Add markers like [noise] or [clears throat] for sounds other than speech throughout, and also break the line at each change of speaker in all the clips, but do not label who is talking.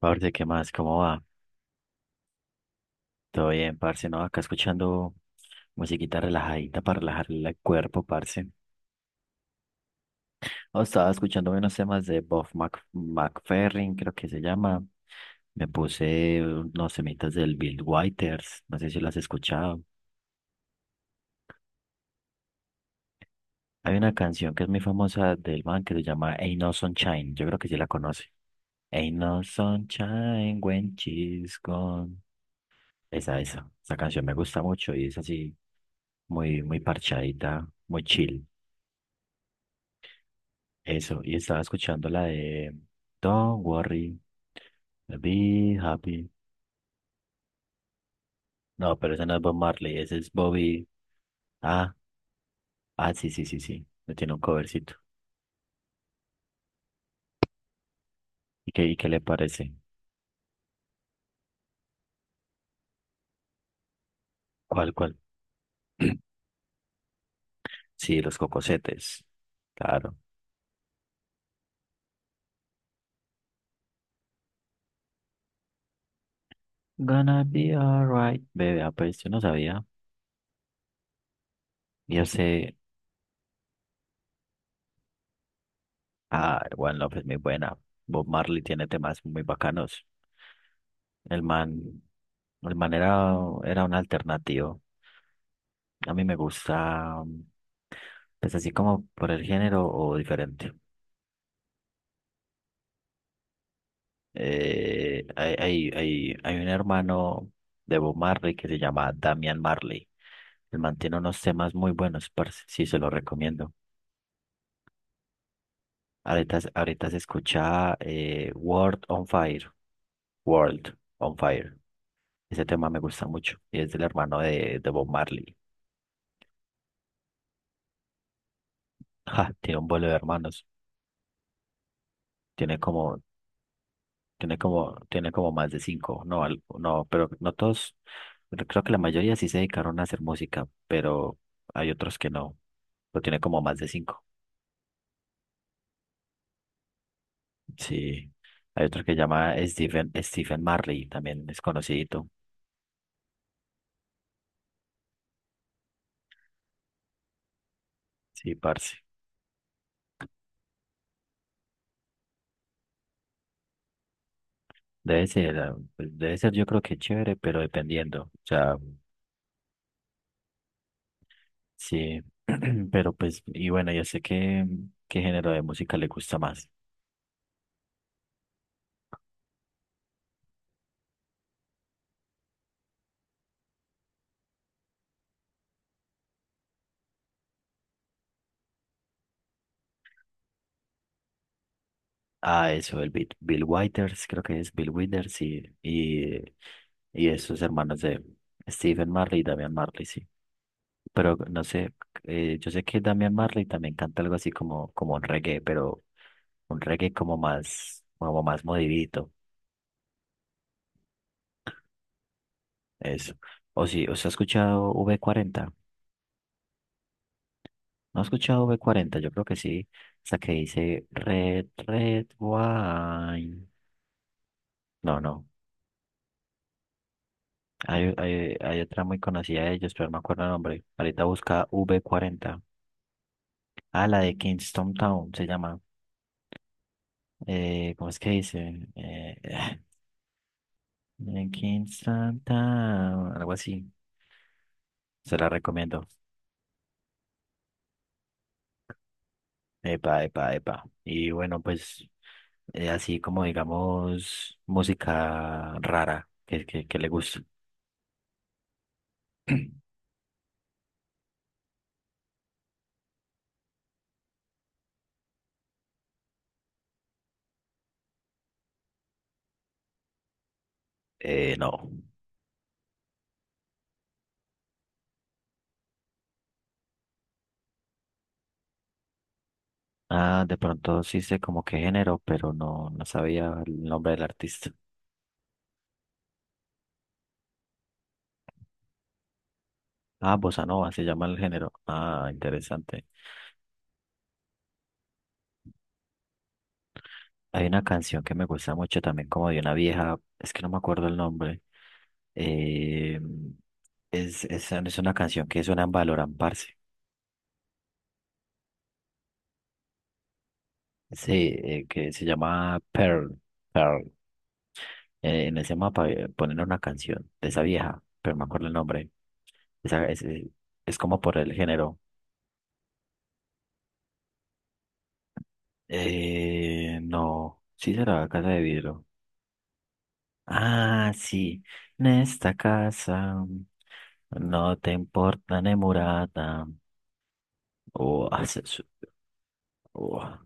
Parce, ¿qué más? ¿Cómo va? Todo bien, parce, ¿no? Acá escuchando musiquita relajadita para relajar el cuerpo, parce. Oh, estaba escuchando unos temas de Bob Mac McFerrin, creo que se llama. Me puse unos semitas del Bill Withers, no sé si lo has escuchado. Hay una canción que es muy famosa del man que se llama Ain't No Sunshine, yo creo que sí la conoce. Ain't No Sunshine When She's Gone. Esa canción me gusta mucho y es así muy, muy parchadita, muy chill. Eso, y estaba escuchando la de Don't Worry, Be Happy. No, pero esa no es Bob Marley, ese es Bobby. Ah, ah, sí, sí, sí, sí. Me tiene un covercito. Y qué le parece? ¿Cuál, cuál? [clears throat] Sí, los cocosetes. Claro. Gonna be alright, bebé. Ah, pues yo no sabía. Yo sé. Ah, One Love es muy buena. Bob Marley tiene temas muy bacanos. El man, el man era un alternativo. A mí me gusta, pues así como por el género o diferente. Hay un hermano de Bob Marley que se llama Damian Marley. Él mantiene unos temas muy buenos, parce. Sí, se los recomiendo. Ahorita se escucha World on Fire. World on Fire. Ese tema me gusta mucho. Y es del hermano de Bob Marley. [laughs] Ja, tiene un vuelo de hermanos. Tiene como tiene como más de cinco. No, no, pero no todos. Pero creo que la mayoría sí se dedicaron a hacer música, pero hay otros que no. Pero tiene como más de cinco. Sí. Hay otro que llama Stephen, Stephen Marley, también es conocidito. Sí, parce. Debe ser yo creo que chévere, pero dependiendo. O sea, sí. [clears throat] Pero pues, y bueno, yo sé que, ¿qué género de música le gusta más? Ah, eso, el Bill Withers, creo que es Bill Withers y esos hermanos de Stephen Marley y Damian Marley, sí. Pero no sé, yo sé que Damian Marley también canta algo así como un reggae, pero un reggae como más modidito, eso. O sí, ¿os ha escuchado v cuarenta ¿No ha escuchado V40? Yo creo que sí, esa que dice Red, Red Wine. No, no, hay otra muy conocida de ellos, pero no me acuerdo el nombre. Ahorita busca V40. Ah, la de Kingston Town se llama. ¿Cómo es que dice? [sighs] Kingston Town, algo así. Se la recomiendo. Epa, epa, epa. Y bueno, pues así como digamos música rara que le gusta. No. Ah, de pronto sí sé como qué género, pero no, no sabía el nombre del artista. Ah, bossa nova se llama el género. Ah, interesante. Hay una canción que me gusta mucho también, como de una vieja, es que no me acuerdo el nombre. eh, es una canción que suena en Valorant, parce. Sí, que se llama Pearl. Pearl. En ese mapa ponen una canción de esa vieja, pero no me acuerdo el nombre. Esa, es como por el género. No, sí será Casa de Vidrio. Ah, sí, en esta casa no te importa ni murata. O Oh,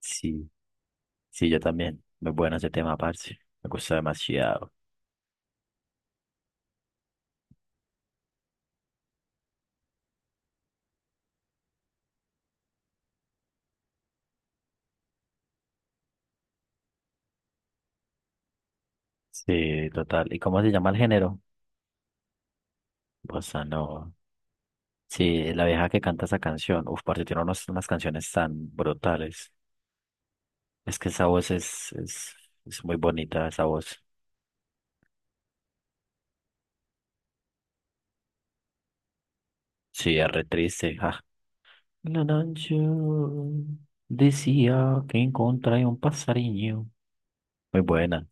sí, sí, yo también. Muy bueno ese tema, parce. Me gusta demasiado. Sí, total. ¿Y cómo se llama el género? Bossa nova. Sí, la vieja que canta esa canción. Uf, parce, tiene unas canciones tan brutales. Es que esa voz es muy bonita, esa voz. Sí, es re triste. Ah. La noche decía que encontré un pasariño. Muy buena.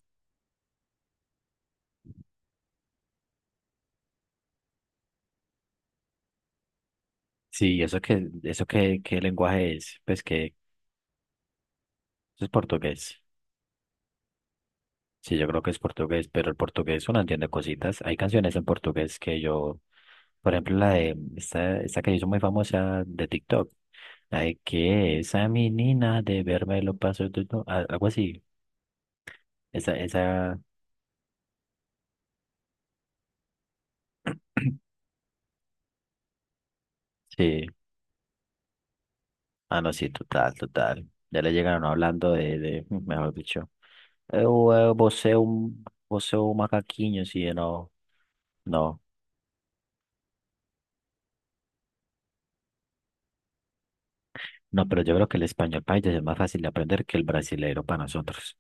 Sí, eso que qué lenguaje es? Pues que eso es portugués. Sí, yo creo que es portugués, pero el portugués uno entiende cositas. Hay canciones en portugués que yo, por ejemplo, la de esta que hizo muy famosa de TikTok, la de que esa menina de verme lo paso tú", algo así. Esa, sí. Ah, no, sí, total, total. Ya le llegaron hablando de mejor dicho, eu, eu, você é um, você é um macaquinho, sí, no, no. No, pero yo creo que el español para ellos es más fácil de aprender que el brasileiro para nosotros.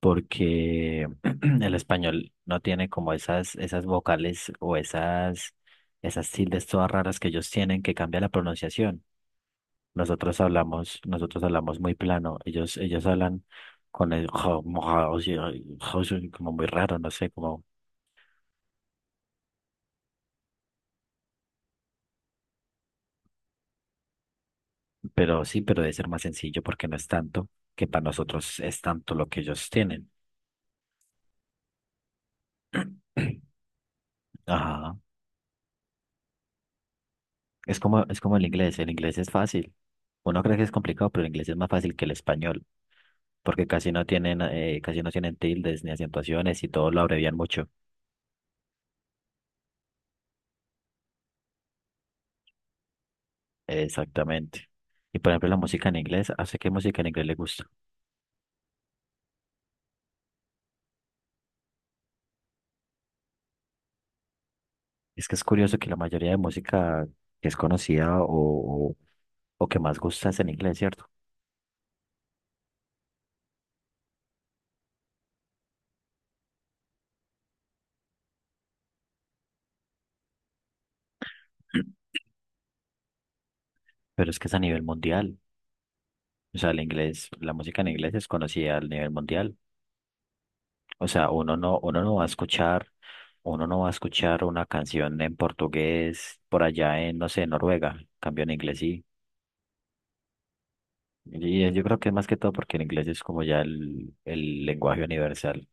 Porque [clears throat] el español no tiene como esas vocales o esas tildes todas raras que ellos tienen que cambia la pronunciación. Nosotros hablamos muy plano, ellos hablan con el [laughs] como muy raro, no sé, como, pero sí, pero debe ser más sencillo porque no es tanto, que para nosotros es tanto lo que ellos tienen. Ajá. Es como el inglés es fácil. Uno cree que es complicado, pero el inglés es más fácil que el español. Porque casi no tienen tildes ni acentuaciones y todo lo abrevian mucho. Exactamente. Y por ejemplo, la música en inglés, ¿a usted qué música en inglés le gusta? Es que es curioso que la mayoría de música que es conocida o, o que más gusta es en inglés, ¿cierto? Pero es que es a nivel mundial. O sea, el inglés, la música en inglés es conocida a nivel mundial. O sea, uno no va a escuchar, uno no va a escuchar una canción en portugués por allá en, no sé, Noruega. Cambio en inglés sí. Y yo creo que más que todo porque el inglés es como ya el lenguaje universal.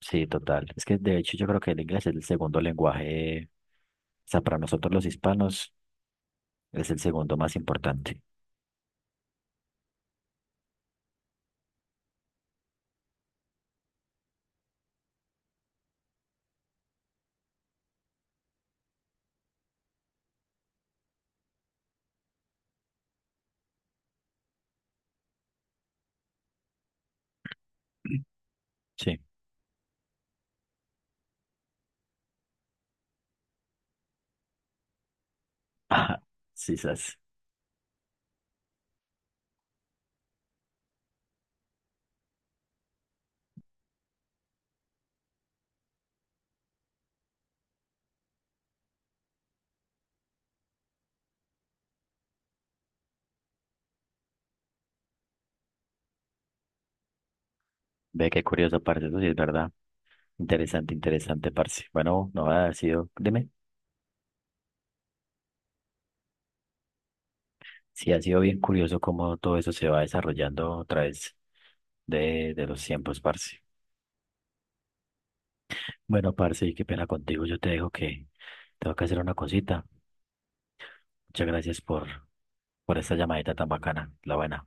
Sí, total. Es que de hecho yo creo que el inglés es el segundo lenguaje, o sea, para nosotros los hispanos es el segundo más importante. Sí. [laughs] Ajá. Sí, sas. Ve qué curioso, parce, eso sí es verdad. Interesante, interesante, parce. Bueno, no ha sido, dime, sí ha sido bien curioso cómo todo eso se va desarrollando a través de los tiempos, parce. Bueno, parce, y qué pena contigo, yo te dejo que tengo que hacer una cosita. Muchas gracias por esa llamadita tan bacana, la buena.